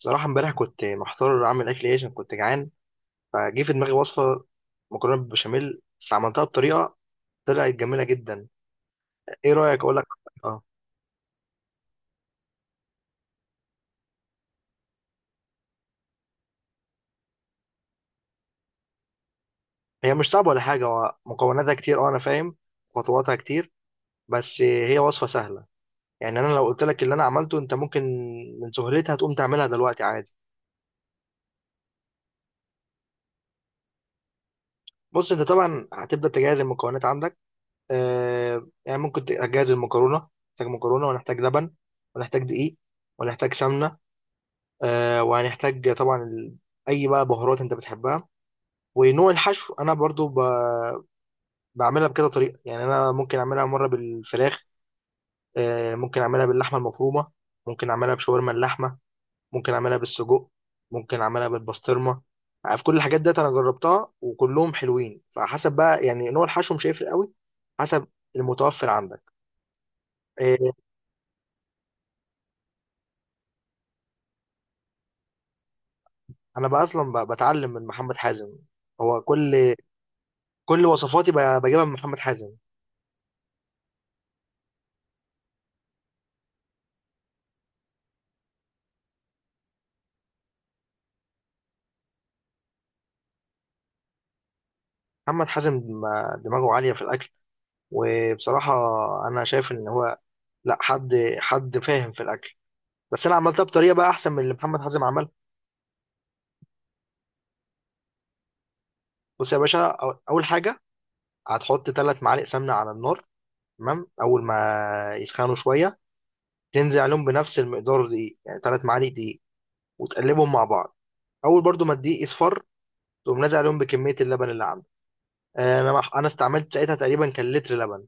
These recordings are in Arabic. بصراحة امبارح كنت محتار أعمل أكل إيه عشان كنت جعان، فجه في دماغي وصفة مكرونة بالبشاميل. بس عملتها بطريقة طلعت جميلة جدا. إيه رأيك أقول لك؟ أه. هي مش صعبة ولا حاجة، هو مكوناتها كتير. أه، أنا فاهم خطواتها كتير بس هي وصفة سهلة. يعني أنا لو قلت لك اللي أنا عملته أنت ممكن من سهولتها تقوم تعملها دلوقتي عادي. بص، أنت طبعا هتبدأ تجهز المكونات عندك. يعني ممكن تجهز المكرونة. نحتاج مكرونة، ونحتاج لبن، ونحتاج دقيق، ونحتاج سمنة. وهنحتاج طبعا اي بقى بهارات انت بتحبها. ونوع الحشو انا برضو بعملها بكذا طريقه. يعني انا ممكن اعملها مره بالفراخ، ممكن اعملها باللحمه المفرومه، ممكن اعملها بشاورما اللحمه، ممكن اعملها بالسجق، ممكن اعملها بالبسطرمه. عارف كل الحاجات ديت انا جربتها وكلهم حلوين، فحسب بقى يعني نوع الحشو مش هيفرق قوي، حسب المتوفر عندك. آه، انا بقى اصلا بتعلم من محمد حازم. هو كل وصفاتي بجيبها من محمد حازم. محمد حازم دماغه عالية في الأكل. وبصراحة أنا شايف إن هو لا حد فاهم في الأكل. بس أنا عملتها بطريقة بقى أحسن من اللي محمد حازم عملها. بص يا باشا، أول حاجة هتحط 3 معالق سمنة على النار. تمام، أول ما يسخنوا شوية تنزل عليهم بنفس المقدار دقيق، يعني 3 معالق دقيق، وتقلبهم مع بعض. أول برضو ما الدقيق يصفر تقوم نازل عليهم بكمية اللبن اللي عندك. أنا استعملت ساعتها تقريبا كان لتر لبن.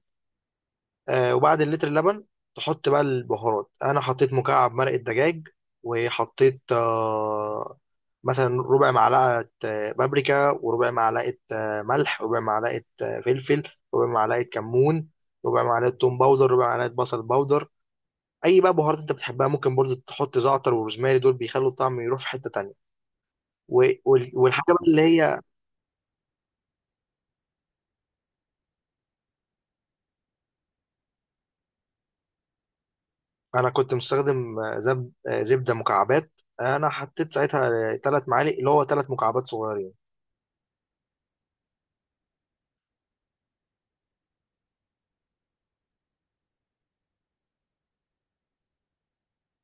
وبعد اللتر اللبن تحط بقى البهارات. انا حطيت مكعب مرقة دجاج، وحطيت مثلا ربع معلقة بابريكا، وربع معلقة ملح، ربع معلقة فلفل، ربع معلقة كمون، ربع معلقة توم باودر، ربع معلقة بصل باودر. اي بقى بهارات انت بتحبها، ممكن برضو تحط زعتر وروزماري، دول بيخلوا الطعم يروح في حتة تانية. والحاجة بقى اللي هي، انا كنت مستخدم زبدة مكعبات. انا حطيت ساعتها 3 معالق، اللي هو 3 مكعبات صغيرة.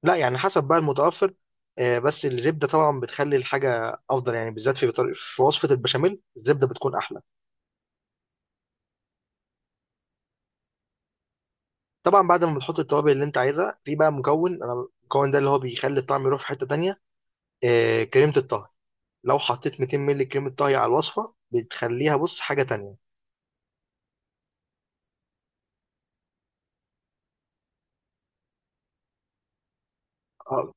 لا يعني حسب بقى المتوفر. بس الزبدة طبعا بتخلي الحاجة أفضل، يعني بالذات في في وصفة البشاميل الزبدة بتكون أحلى. طبعا بعد ما بتحط التوابل اللي أنت عايزها، في بقى مكون أنا، المكون ده اللي هو بيخلي الطعم يروح في حتة تانية. كريمة الطهي. لو حطيت 200 مللي كريمة طهي على الوصفة بتخليها بص حاجة تانية. آه،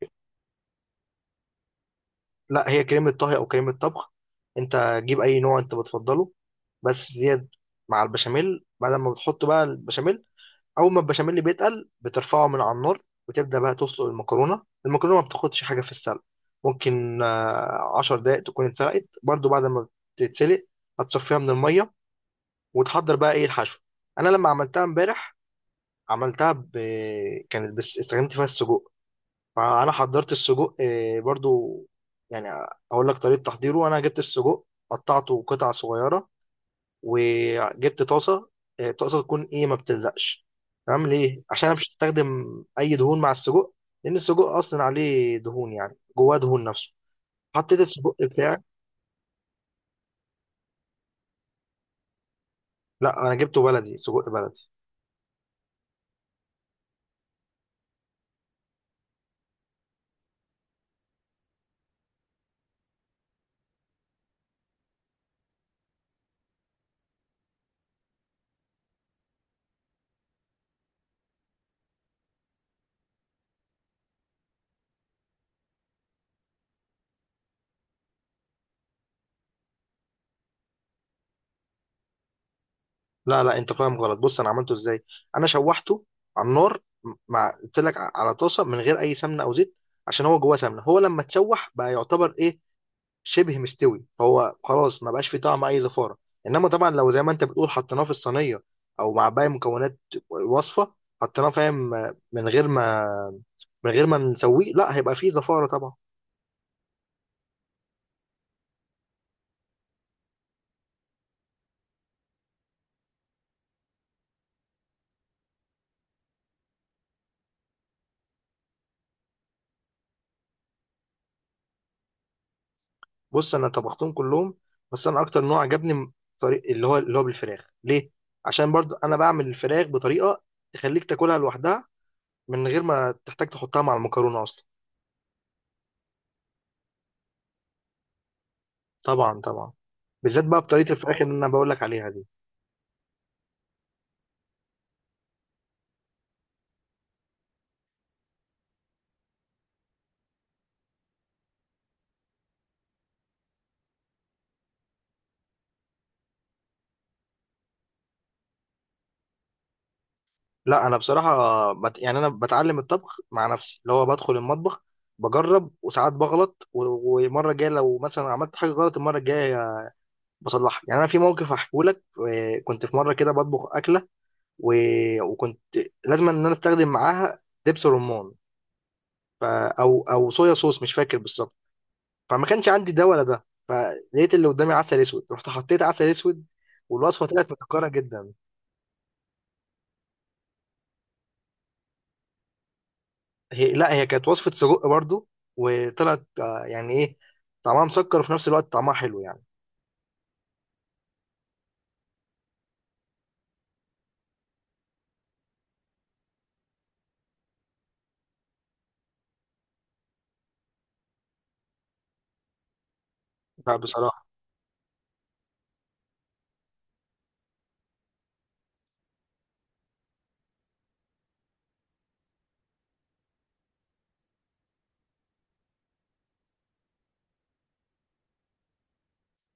لا، هي كريمة طهي أو كريمة طبخ. أنت جيب أي نوع أنت بتفضله، بس زياد مع البشاميل. بعد ما بتحط بقى البشاميل، اول ما البشاميل بيتقل بترفعه من على النار، وتبدا بقى تسلق المكرونه. المكرونه ما بتاخدش حاجه في السلق، ممكن 10 دقائق تكون اتسلقت. برضو بعد ما بتتسلق هتصفيها من الميه، وتحضر بقى ايه الحشو. انا لما عملتها امبارح عملتها كانت بس استخدمت فيها السجق. فانا حضرت السجق برضو، يعني اقول لك طريقه تحضيره. انا جبت السجق، قطعته قطع صغيره، وجبت طاسه. طاسه تكون ايه ما بتلزقش. تمام، ليه؟ عشان انا مش هستخدم اي دهون مع السجق، لان السجق اصلا عليه دهون، يعني جواه دهون نفسه. حطيت السجق بتاعي. لا انا جبته بلدي، سجق بلدي. لا لا، انت فاهم غلط. بص انا عملته ازاي. انا شوحته على النار مع، قلت لك، على طاسه من غير اي سمنه او زيت، عشان هو جواه سمنه. هو لما تشوح بقى يعتبر ايه، شبه مستوي، هو خلاص ما بقاش فيه طعم اي زفاره. انما طبعا لو زي ما انت بتقول حطيناه في الصينيه او مع باقي مكونات الوصفه، حطيناه فاهم من غير ما نسويه، لا، هيبقى فيه زفاره طبعا. بص انا طبختهم كلهم، بس انا اكتر نوع عجبني طريق اللي هو اللي هو بالفراخ. ليه؟ عشان برضو انا بعمل الفراخ بطريقه تخليك تاكلها لوحدها من غير ما تحتاج تحطها مع المكرونه اصلا. طبعا طبعا، بالذات بقى بطريقه الفراخ اللي انا بقول لك عليها دي. لا انا بصراحه يعني انا بتعلم الطبخ مع نفسي، اللي هو بدخل المطبخ بجرب، وساعات بغلط، ومره الجايه لو مثلا عملت حاجه غلط المره الجايه بصلحها. يعني انا في موقف هحكيه لك. كنت في مره كده بطبخ اكله و... وكنت لازم ان انا استخدم معاها دبس رمان، او صويا صوص مش فاكر بالظبط. فما كانش عندي ده ولا ده، فلقيت اللي قدامي عسل اسود، رحت حطيت عسل اسود. والوصفه طلعت مسكره جدا. هي، لا هي كانت وصفة سجق برضو، وطلعت يعني ايه، طعمها مسكر وفي نفس الوقت طعمها حلو يعني. لا بصراحة.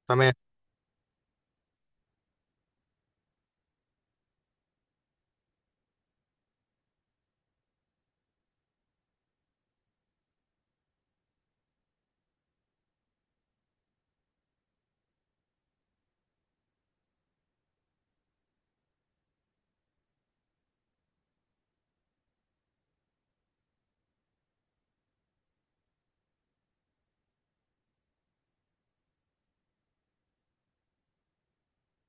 تمام.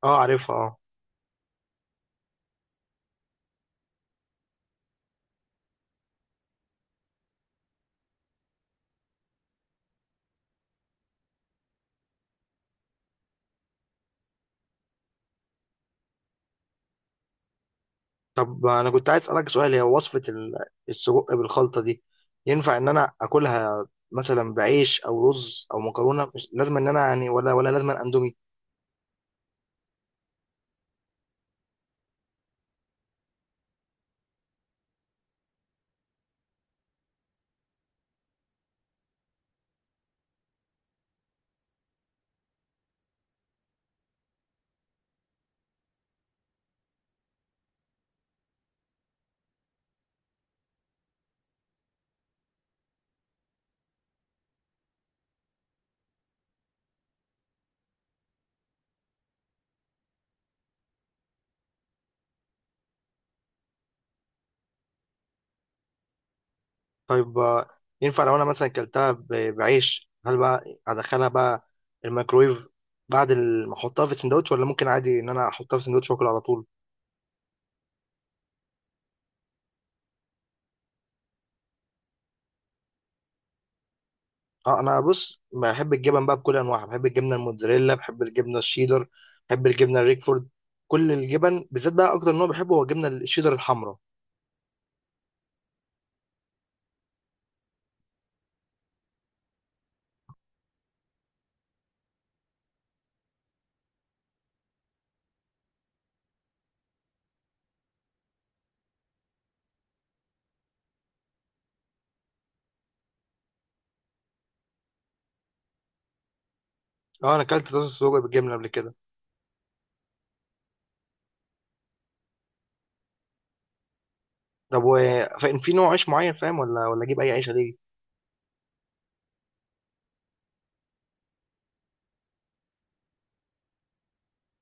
اه، عارفها، اه. طب انا كنت عايز اسألك سؤال. هي وصفة السجق بالخلطة دي ينفع ان انا اكلها مثلا بعيش او رز او مكرونة؟ مش لازم ان انا يعني، ولا لازم اندومي. طيب، ينفع لو انا مثلا اكلتها بعيش؟ هل بقى ادخلها بقى الميكرويف بعد ما احطها في السندوتش، ولا ممكن عادي ان انا احطها في السندوتش واكل على طول؟ اه، انا، بص، بحب الجبن بقى بكل انواعها. بحب الجبنه الموتزاريلا، بحب الجبنه الشيدر، بحب الجبنه الريكفورد، كل الجبن. بالذات بقى اكتر نوع بحبه هو الجبنه الشيدر الحمراء. اه، انا اكلت طاسه سجق بالجبنه قبل كده. طب، في نوع عيش معين فاهم؟ ولا اجيب اي عيش ليه؟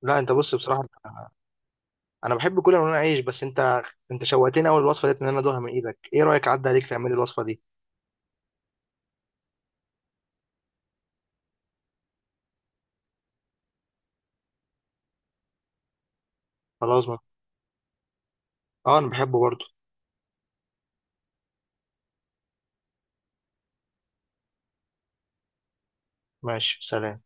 لا، انت، بص، بصراحه انا بحب كل انواع العيش. بس انت، انت شوقتني اول الوصفه ديت ان انا ادوها من ايدك. ايه رايك اعدي عليك تعملي الوصفه دي؟ خلاص، ما اه انا بحبه برضه. ماشي، سلام.